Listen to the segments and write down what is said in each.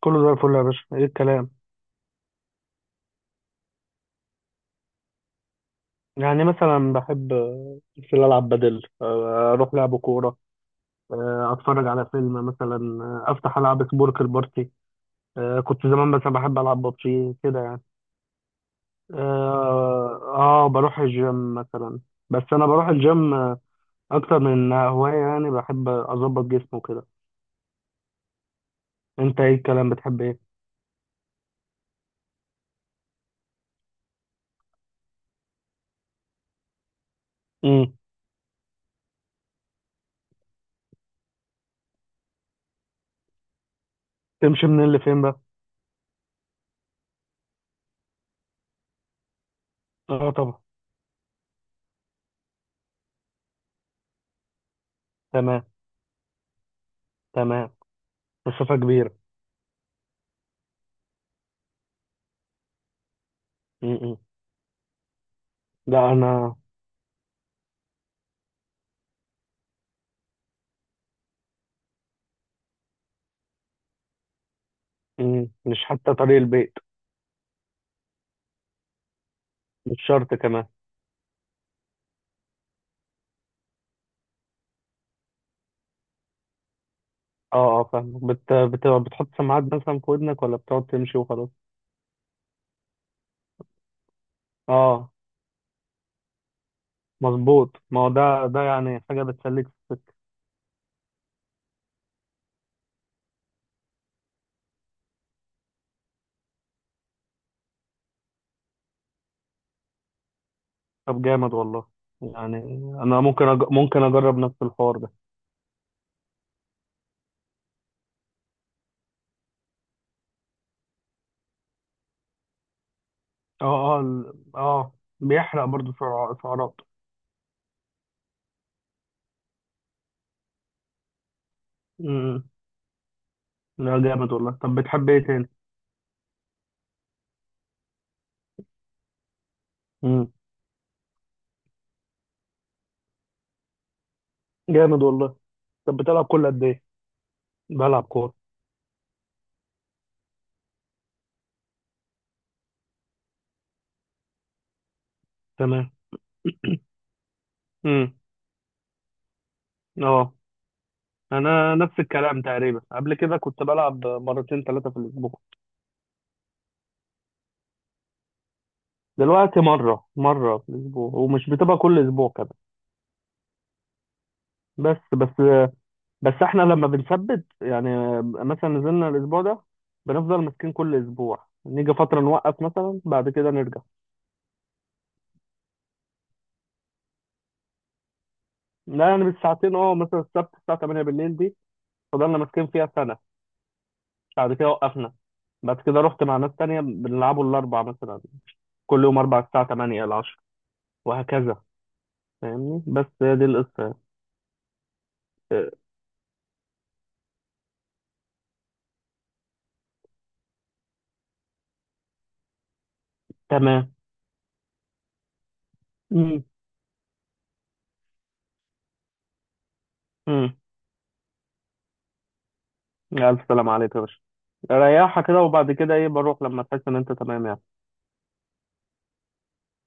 كله زي الفل يا باشا، ايه الكلام؟ يعني مثلا بحب في العب بدل اروح لعب كوره. اتفرج على فيلم مثلا. افتح العب سبورك بارتي. كنت زمان مثلا بحب العب ببجي كده يعني. اه، بروح الجيم مثلا. بس انا بروح الجيم، اكتر من هوايه، يعني بحب اظبط جسمه كده. انت ايه الكلام، بتحب ايه؟ امم. تمشي منين لفين بقى؟ اه طبعا. تمام، تمام. مسافه كبيره. امم. لا انا. مم. مش حتى طريق البيت. مش شرط كمان. اه، اه، فاهم. بتحط سماعات مثلا في ودنك، ولا بتقعد تمشي وخلاص؟ اه، مظبوط، ما هو ده يعني حاجة بتسليك في السكة. طب جامد والله. يعني انا ممكن اجرب نفس الحوار ده. اه، اه، بيحرق برضو سعرات. امم. لا جامد والله. طب بتحب ايه تاني؟ امم. جامد والله. طب بتلعب كل قد ايه؟ بلعب كورة. تمام. امم. اه، انا نفس الكلام تقريبا، قبل كده كنت بلعب مرتين ثلاثة في الاسبوع. دلوقتي مرة مرة في الأسبوع، ومش بتبقى كل أسبوع كده. بس. بس احنا لما بنثبت، يعني مثلا نزلنا الأسبوع ده، بنفضل ماسكين كل أسبوع، نيجي فترة نوقف، مثلا بعد كده نرجع. لا يعني بالساعتين، اه، مثلا السبت الساعة 8 بالليل دي فضلنا ماسكين فيها سنة. بعد كده وقفنا. بعد كده رحت مع ناس تانية، بنلعبوا الأربع مثلا، كل يوم أربع الساعة 8 ل 10 وهكذا. فاهمني؟ بس هي دي القصة. اه، تمام. مم. مم. ألف سلام عليك يا باشا. ريحها كده، وبعد كده ايه بروح لما تحس ان انت تمام يعني.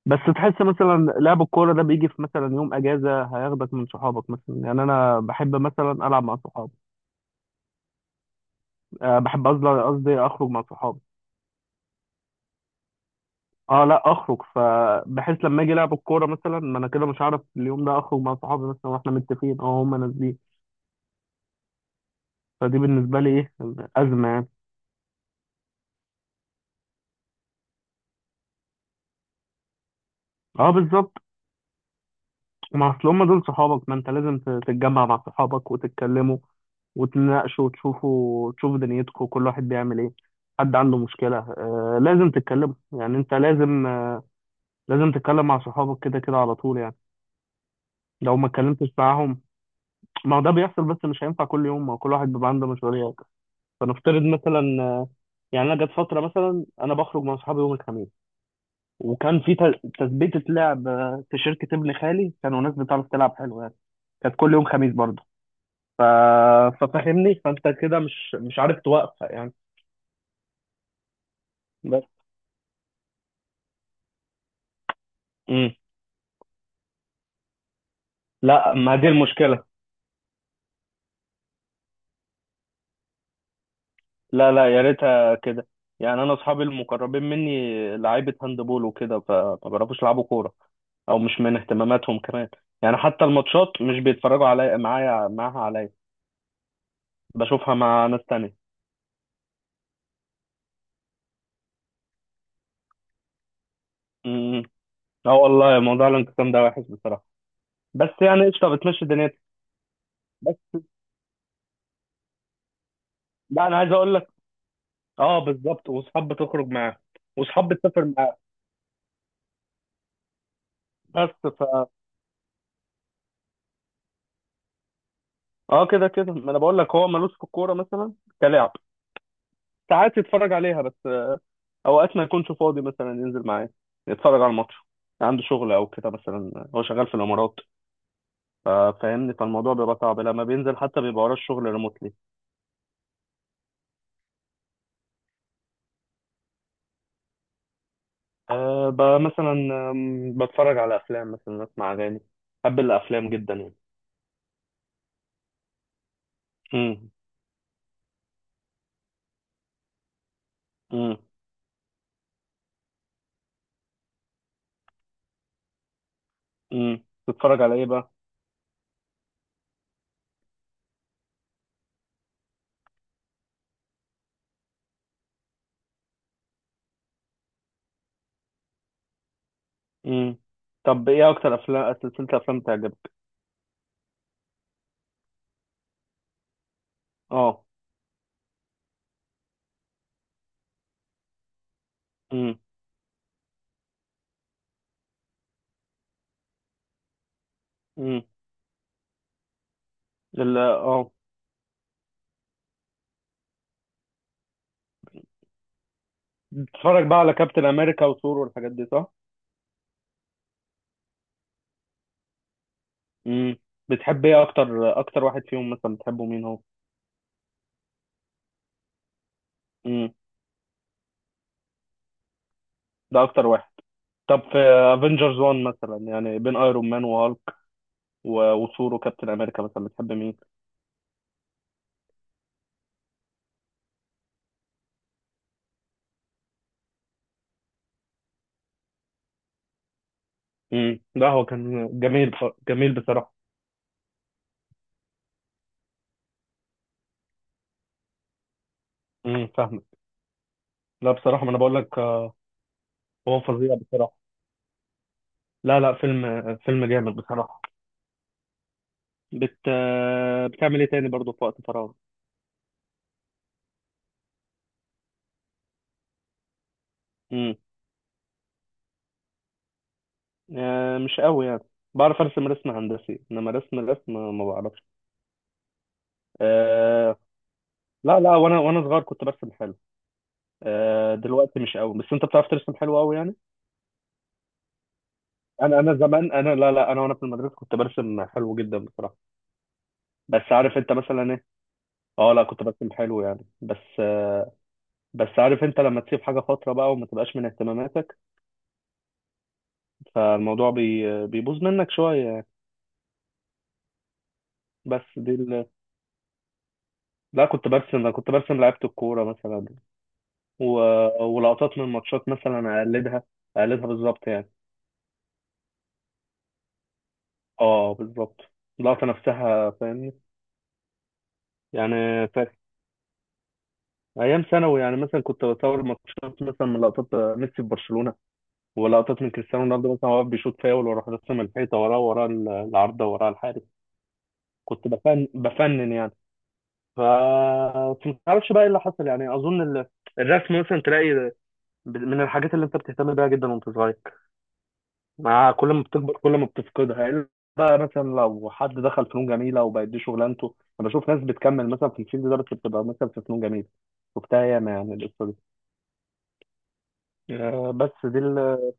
بس تحس مثلا لعب الكوره ده بيجي في مثلا يوم اجازه، هياخدك من صحابك، مثلا يعني انا بحب مثلا العب مع صحابي. أه بحب قصدي اخرج مع صحابي. اه لا، اخرج فبحيث لما اجي لعب الكوره مثلا، ما انا كده مش هعرف اليوم ده اخرج مع صحابي، مثلا واحنا متفقين اه هم نازلين. فدي بالنسبه لي ايه، ازمه يعني. اه، بالظبط. ما اصل هم دول صحابك، ما انت لازم تتجمع مع صحابك وتتكلموا وتناقشوا، تشوفوا دنيتكم كل واحد بيعمل ايه. حد عنده مشكلة، لازم تتكلموا، يعني انت لازم، لازم تتكلم مع صحابك كده كده على طول يعني. لو ما اتكلمتش معاهم. ما هو ده بيحصل، بس مش هينفع كل يوم، ما هو كل واحد بيبقى عنده مسؤوليات. فنفترض مثلا، يعني انا جت فترة، مثلا انا بخرج مع صحابي يوم الخميس، وكان في تثبيتة لعب، في شركة ابن خالي، كانوا ناس بتعرف تلعب حلو يعني. كانت كل يوم خميس برضه. ف... ففهمني، فانت كده مش عارف توقفها يعني. بس. امم. لا، ما دي المشكله. لا، لا، يا ريتها كده. يعني انا اصحابي المقربين مني لعيبه هاندبول وكده، فما بيعرفوش يلعبوا كوره، او مش من اهتماماتهم كمان. يعني حتى الماتشات مش بيتفرجوا عليا معايا معاها عليا، بشوفها مع ناس تانية. امم. اه والله موضوع الانقسام ده وحش بصراحه، بس يعني قشطه بتمشي دنيتي. بس لا، انا عايز اقول لك، اه، بالظبط، واصحاب بتخرج معاهم، واصحاب بتسافر معاهم. بس. اه كده كده، ما انا بقول لك هو ملوش في الكوره مثلا كلاعب. ساعات يتفرج عليها بس، اوقات ما يكونش فاضي مثلا ينزل معايا يتفرج على الماتش، عنده شغل او كده، مثلا هو شغال في الامارات. فاهمني، فالموضوع بيبقى صعب لما بينزل، حتى بيبقى وراه الشغل ريموتلي. أه، مثلا، بتفرج على افلام مثلا، اسمع اغاني، بحب الافلام جدا يعني. امم. امم. امم. بتتفرج على ايه بقى؟ امم. طب ايه اكتر افلام، سلسله افلام بتعجبك؟ اه. امم. امم. ال- اه بتتفرج بقى على كابتن امريكا وثور والحاجات دي، صح؟ امم. بتحب ايه؟ اكتر واحد فيهم مثلا بتحبه مين هو؟ امم. ده اكتر واحد. طب في افنجرز 1 مثلا، يعني بين ايرون مان وهالك وثور وكابتن امريكا، مثلا بتحب مين؟ امم. ده هو كان جميل، جميل بصراحه. امم، فاهمك. لا بصراحه ما انا بقول لك، هو فظيع بصراحه. لا، لا، فيلم، فيلم جامد بصراحه. بت آه، بتعمل ايه تاني برضه في وقت فراغ؟ امم. مش قوي يعني. بعرف ارسم رسم هندسي، انما رسم، رسم ما بعرفش. آه لا، لا، وانا صغير كنت برسم حلو. دلوقتي مش قوي، بس انت بتعرف ترسم حلو قوي يعني. انا زمان، انا، لا، لا، انا وانا في المدرسه كنت برسم حلو جدا بصراحه. بس عارف انت مثلا ايه. اه لا، كنت برسم حلو يعني بس. بس عارف انت لما تسيب حاجه فتره بقى، وما تبقاش من اهتماماتك، فالموضوع بيبوظ منك شويه يعني. بس دي ال... لا، كنت برسم، انا كنت برسم لعيبه الكوره مثلا، و... ولقطات من ماتشات مثلا اقلدها، اقلدها بالظبط يعني. اه بالظبط، اللقطه نفسها فاهم. يعني، فاكر، ايام ثانوي، يعني مثلا كنت بصور ماتشات مثلا من لقطات ميسي في برشلونه، ولقطات من كريستيانو رونالدو مثلا، وهو واقف بيشوط فاول، وراح راسم الحيطه وراه، العارضه وراه الحارس. كنت بفنن يعني. ف بس ما تعرفش بقى ايه اللي حصل. يعني اظن الرسم مثلا تلاقي من الحاجات اللي انت بتهتم بيها جدا وانت صغير، مع كل ما بتكبر كل ما بتفقدها، إلا بقى مثلا لو حد دخل فنون جميله وبقت دي شغلانته، انا بشوف ناس بتكمل مثلا في الفيلد ده، بس بتبقى مثلا في فنون جميله، شفتها ياما يعني. آه، بس دي ال اه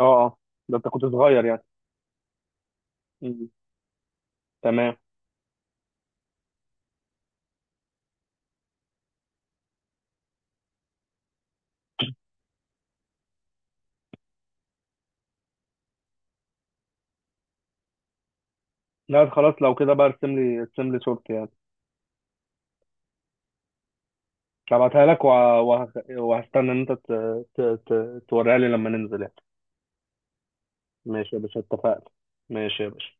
اه ده انت كنت صغير يعني. مم. تمام. لا خلاص، لو كده بقى ارسم لي، ارسم لي صورتي يعني. هبعتها لك، وهستنى ان انت ت... توريها لي لما ننزل يعني. ماشي يا باشا، اتفقنا. ماشي يا باشا.